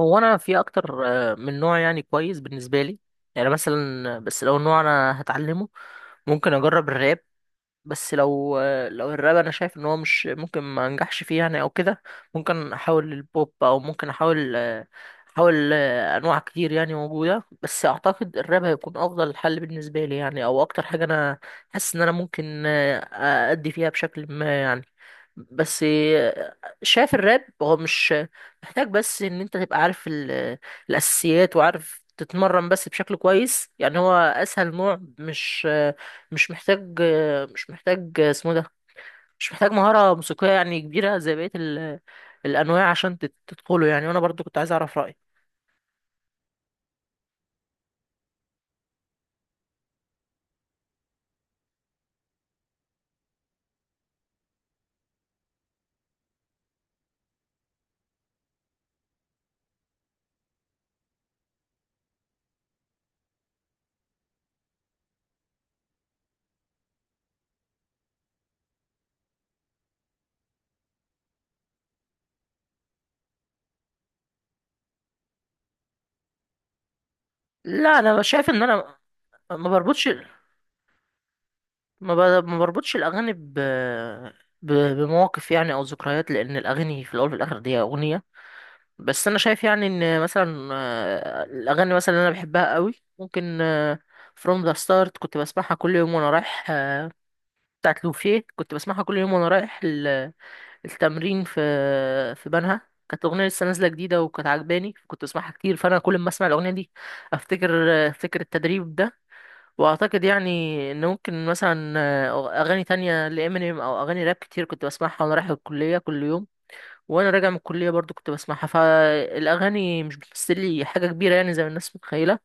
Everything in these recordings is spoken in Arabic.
هو انا في اكتر من نوع يعني كويس بالنسبه لي. يعني مثلا بس لو نوع انا هتعلمه ممكن اجرب الراب. بس لو الراب انا شايف ان هو مش ممكن ما انجحش فيه يعني او كده. ممكن احاول البوب او ممكن احاول انواع كتير يعني موجوده، بس اعتقد الراب هيكون افضل حل بالنسبه لي يعني، او اكتر حاجه انا حاسس ان انا ممكن ادي فيها بشكل ما يعني. بس شايف الراب هو مش محتاج، بس ان انت تبقى عارف الاساسيات وعارف تتمرن بس بشكل كويس يعني. هو اسهل نوع، مش محتاج مش محتاج اسمه ده مش محتاج مهارة موسيقية يعني كبيرة زي بقية الأنواع عشان تدخله يعني. وأنا برضو كنت عايز أعرف رأيك. لا أنا شايف إن أنا ما بربطش ما بربطش الأغاني ب... بمواقف يعني أو ذكريات، لأن الأغاني في الأول وفي الآخر دي أغنية. بس أنا شايف يعني إن مثلا الأغاني مثلا اللي أنا بحبها قوي ممكن From the Start كنت بسمعها كل يوم وأنا رايح، بتاعت لوفيه، كنت بسمعها كل يوم وأنا رايح التمرين في بنها. كانت اغنيه لسه نازله جديده وكانت عجباني، كنت بسمعها كتير، فانا كل ما اسمع الاغنيه دي افتكر افتكر التدريب ده. واعتقد يعني ان ممكن مثلا اغاني تانية لامينيم او اغاني راب كتير كنت بسمعها وانا رايح الكليه كل يوم، وانا راجع من الكليه برضو كنت بسمعها. فالاغاني مش بتمثل لي حاجه كبيره يعني زي ما الناس متخيله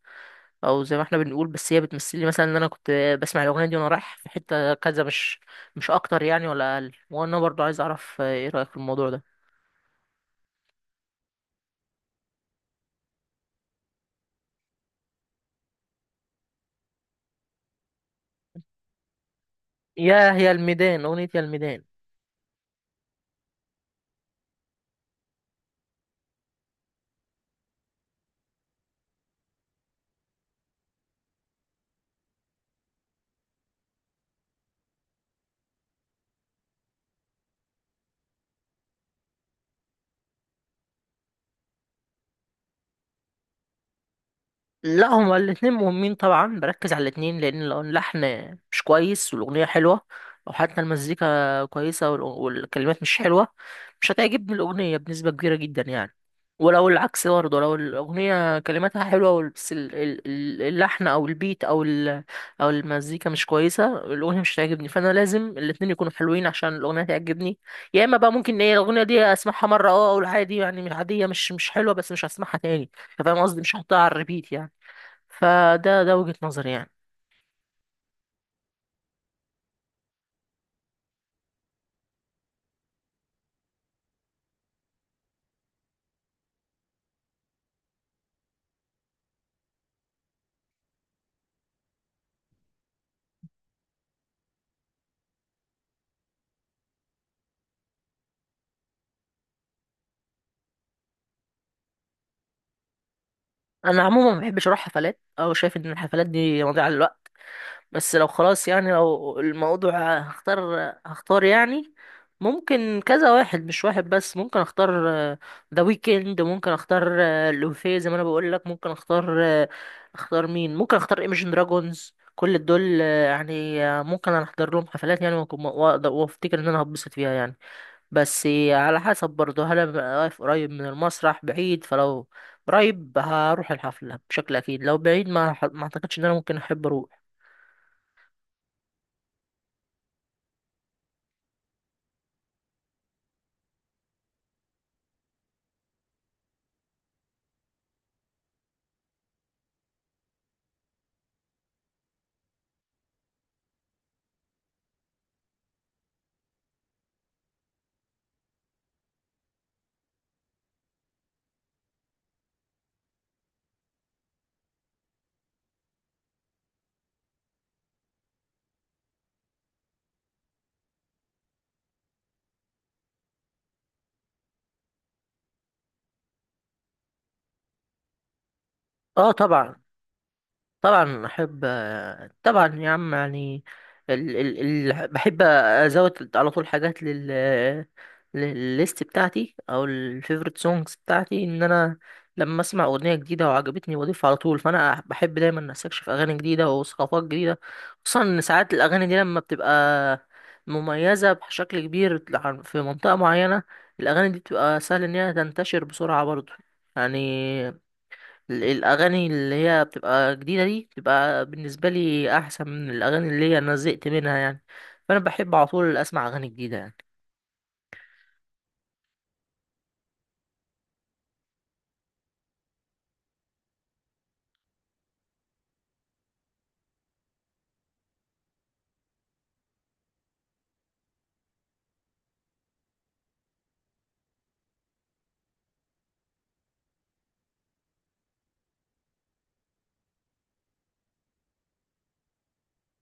او زي ما احنا بنقول، بس هي بتمثل لي مثلا ان انا كنت بسمع الاغنيه دي وانا رايح في حته كذا، مش اكتر يعني ولا اقل. وانا برضو عايز اعرف ايه رايك في الموضوع ده. يا هي الميدان، أغنية يا الميدان. لا هما الاتنين مهمين طبعا، بركز على الاتنين، لان لو اللحن مش كويس والاغنيه حلوه، او حتى المزيكا كويسه والكلمات مش حلوه، مش هتعجبني الاغنيه بنسبه كبيره جدا يعني. ولو العكس برضه، لو الاغنيه كلماتها حلوه بس اللحن او البيت او المزيكا مش كويسه، الاغنيه مش هتعجبني. فانا لازم الاتنين يكونوا حلوين عشان الاغنيه تعجبني. يا اما بقى ممكن ايه، الاغنيه دي اسمعها مره اه اقول عادي يعني، مش عاديه، مش حلوه، بس مش هسمعها تاني. فاهم قصدي؟ مش هحطها على الريبيت يعني. فده وجهة نظري يعني. انا عموما ما بحبش اروح حفلات، او شايف ان الحفلات دي مضيعة للوقت. بس لو خلاص يعني، لو الموضوع هختار يعني، ممكن كذا واحد، مش واحد بس. ممكن اختار ذا ويكند، ممكن اختار لوفي، زي ما انا بقول لك، ممكن اختار آه، اختار مين ممكن اختار ايمجن دراجونز. كل دول يعني، ممكن انا احضر لهم حفلات يعني. وافتكر ان انا هتبسط فيها يعني. بس على حسب برضه، هل أنا واقف قريب من المسرح بعيد. فلو قريب هروح الحفلة بشكل أكيد، لو بعيد ما أعتقدش إن أنا ممكن أحب أروح. اه طبعا. طبعا احب. طبعا يا عم يعني، بحب ازود على طول حاجات للليست بتاعتي او الفيفوريت سونجز بتاعتي. ان انا لما اسمع اغنيه جديده وعجبتني بضيفها على طول. فانا بحب دايما استكشف اغاني جديده وثقافات جديده، خصوصا ان ساعات الاغاني دي لما بتبقى مميزه بشكل كبير في منطقه معينه، الاغاني دي بتبقى سهل ان هي تنتشر بسرعه برضه يعني. الاغاني اللي هي بتبقى جديده دي بتبقى بالنسبه لي احسن من الاغاني اللي هي انا زهقت منها يعني. فانا بحب على طول اسمع اغاني جديده يعني.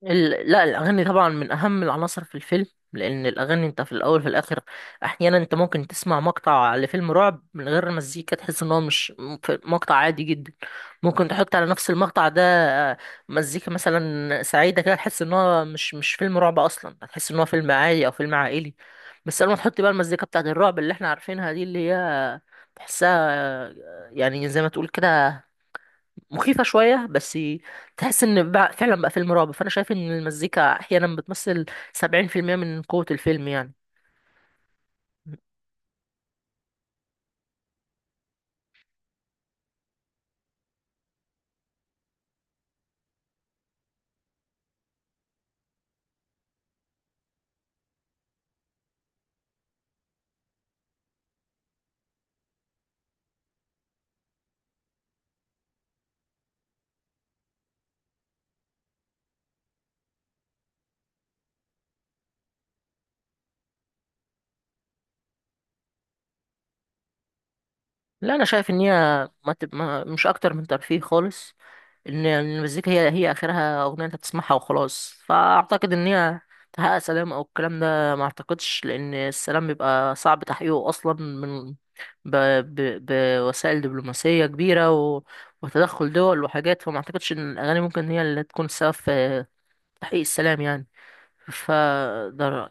لا، الأغاني طبعا من أهم العناصر في الفيلم، لأن الأغاني أنت في الأول في الآخر. أحيانا أنت ممكن تسمع مقطع لفيلم رعب من غير المزيكا تحس إن هو مش م- ف- مقطع عادي جدا. ممكن تحط على نفس المقطع ده آه، مزيكا مثلا سعيدة كده، تحس إن هو مش فيلم رعب أصلا، هتحس إن هو فيلم عادي أو فيلم عائلي. بس لما تحط بقى المزيكا بتاعت الرعب اللي إحنا عارفينها دي، اللي هي تحسها يعني زي ما تقول كده مخيفة شوية، بس تحس ان بقى فعلا بقى فيلم رعب. فانا شايف ان المزيكا احيانا بتمثل 70% من قوة الفيلم يعني. لا انا شايف ان هي ما تب... ما مش اكتر من ترفيه خالص. ان المزيكا هي اخرها اغنية انت تسمعها وخلاص، فاعتقد ان هي تحقق سلام او الكلام ده ما اعتقدش، لان السلام بيبقى صعب تحقيقه اصلا من ب... بوسائل دبلوماسية كبيرة وتدخل دول وحاجات. فما اعتقدش ان الاغاني ممكن هي اللي تكون السبب في تحقيق السلام يعني. فده رأيي.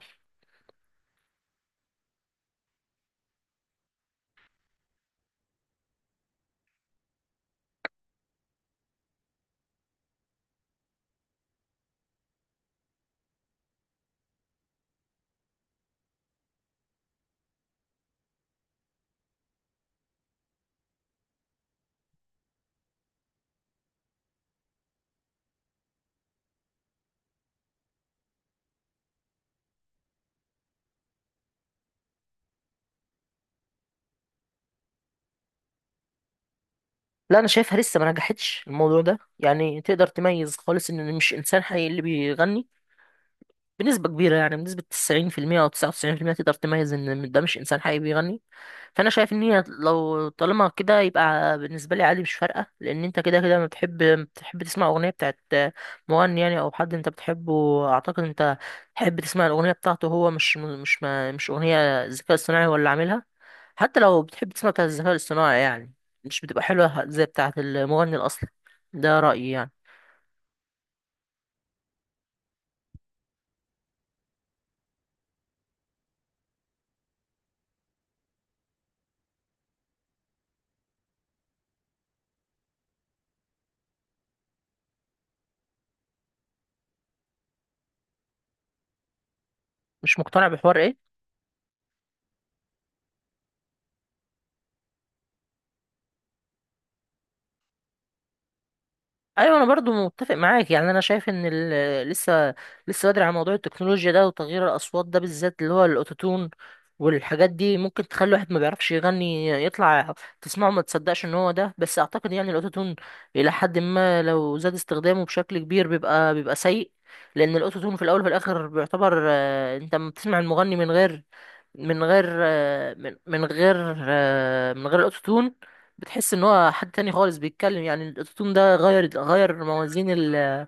لا أنا شايفها لسه ما نجحتش الموضوع ده يعني، تقدر تميز خالص إن مش إنسان حقيقي اللي بيغني بنسبة كبيرة يعني، بنسبة 90% أو 99%، تقدر تميز إن ده مش إنسان حقيقي بيغني. فأنا شايف إن هي لو طالما كده، يبقى بالنسبة لي عادي مش فارقة، لأن أنت كده كده ما بتحب. بتحب تسمع أغنية بتاعت مغني يعني أو حد أنت بتحبه. أعتقد أنت تحب تسمع الأغنية بتاعته هو، مش أغنية ذكاء اصطناعي هو اللي عاملها. حتى لو بتحب تسمع بتاعة الذكاء الاصطناعي يعني، مش بتبقى حلوة زي بتاعة المغني الأصلي. ده رأيي يعني. مش مقتنع بحوار إيه؟ ايوه انا برضو متفق معاك يعني. انا شايف ان لسه بدري على موضوع التكنولوجيا ده وتغيير الاصوات ده، بالذات اللي هو الاوتوتون والحاجات دي، ممكن تخلي واحد ما بيعرفش يغني يطلع تسمعه ما تصدقش ان هو ده. بس اعتقد يعني الاوتوتون الى حد ما لو زاد استخدامه بشكل كبير بيبقى سيء، لان الاوتوتون في الاول وفي الاخر بيعتبر، انت لما بتسمع المغني من غير من غير آه، من من غير آه، من غير الاوتوتون بتحس ان هو حد تاني خالص بيتكلم يعني. الاوتوتون ده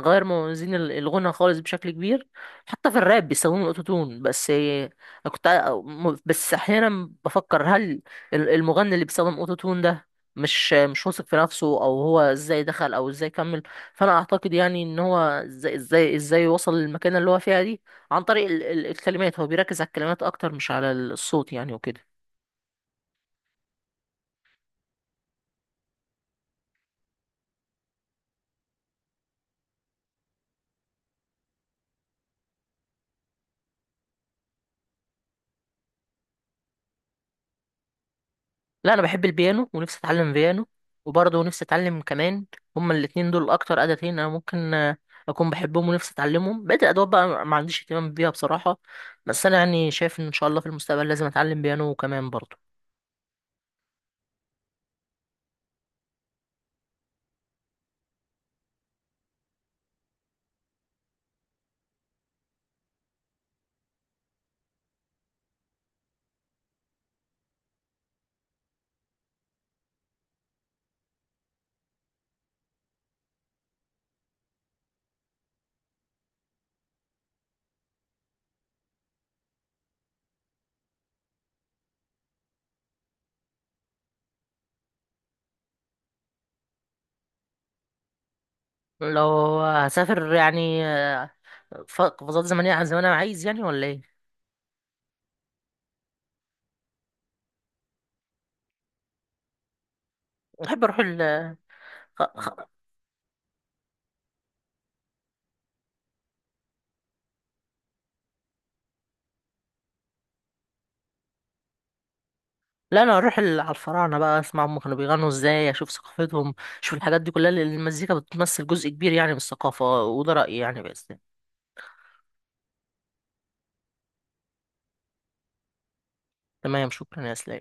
غير موازين الغنى خالص بشكل كبير. حتى في الراب بيستخدموا الاوتوتون. بس انا كنت ع- م- بس احيانا بفكر هل المغني اللي بيستخدم اوتوتون ده مش واثق في نفسه، او هو ازاي دخل او ازاي كمل. فانا اعتقد يعني ان هو ازاي وصل للمكانه اللي هو فيها دي عن طريق الكلمات. هو بيركز على الكلمات اكتر مش على الصوت يعني وكده. لا انا بحب البيانو ونفسي اتعلم بيانو، وبرضه نفسي اتعلم كمان. هما الاتنين دول اكتر آلتين انا ممكن اكون بحبهم ونفسي اتعلمهم. بقيت الادوات بقى ما عنديش اهتمام بيها بصراحة. بس انا يعني شايف ان ان شاء الله في المستقبل لازم اتعلم بيانو كمان برضه. لو هسافر يعني قفزات زمنية زي ما انا عايز يعني، ولا ايه؟ بحب اروح خ- خ- لا، انا اروح على الفراعنه بقى، اسمع هم كانوا بيغنوا ازاي، اشوف ثقافتهم، اشوف الحاجات دي كلها، لأن المزيكا بتمثل جزء كبير يعني من الثقافه. وده رايي يعني بس. تمام، شكرا يا اسلام.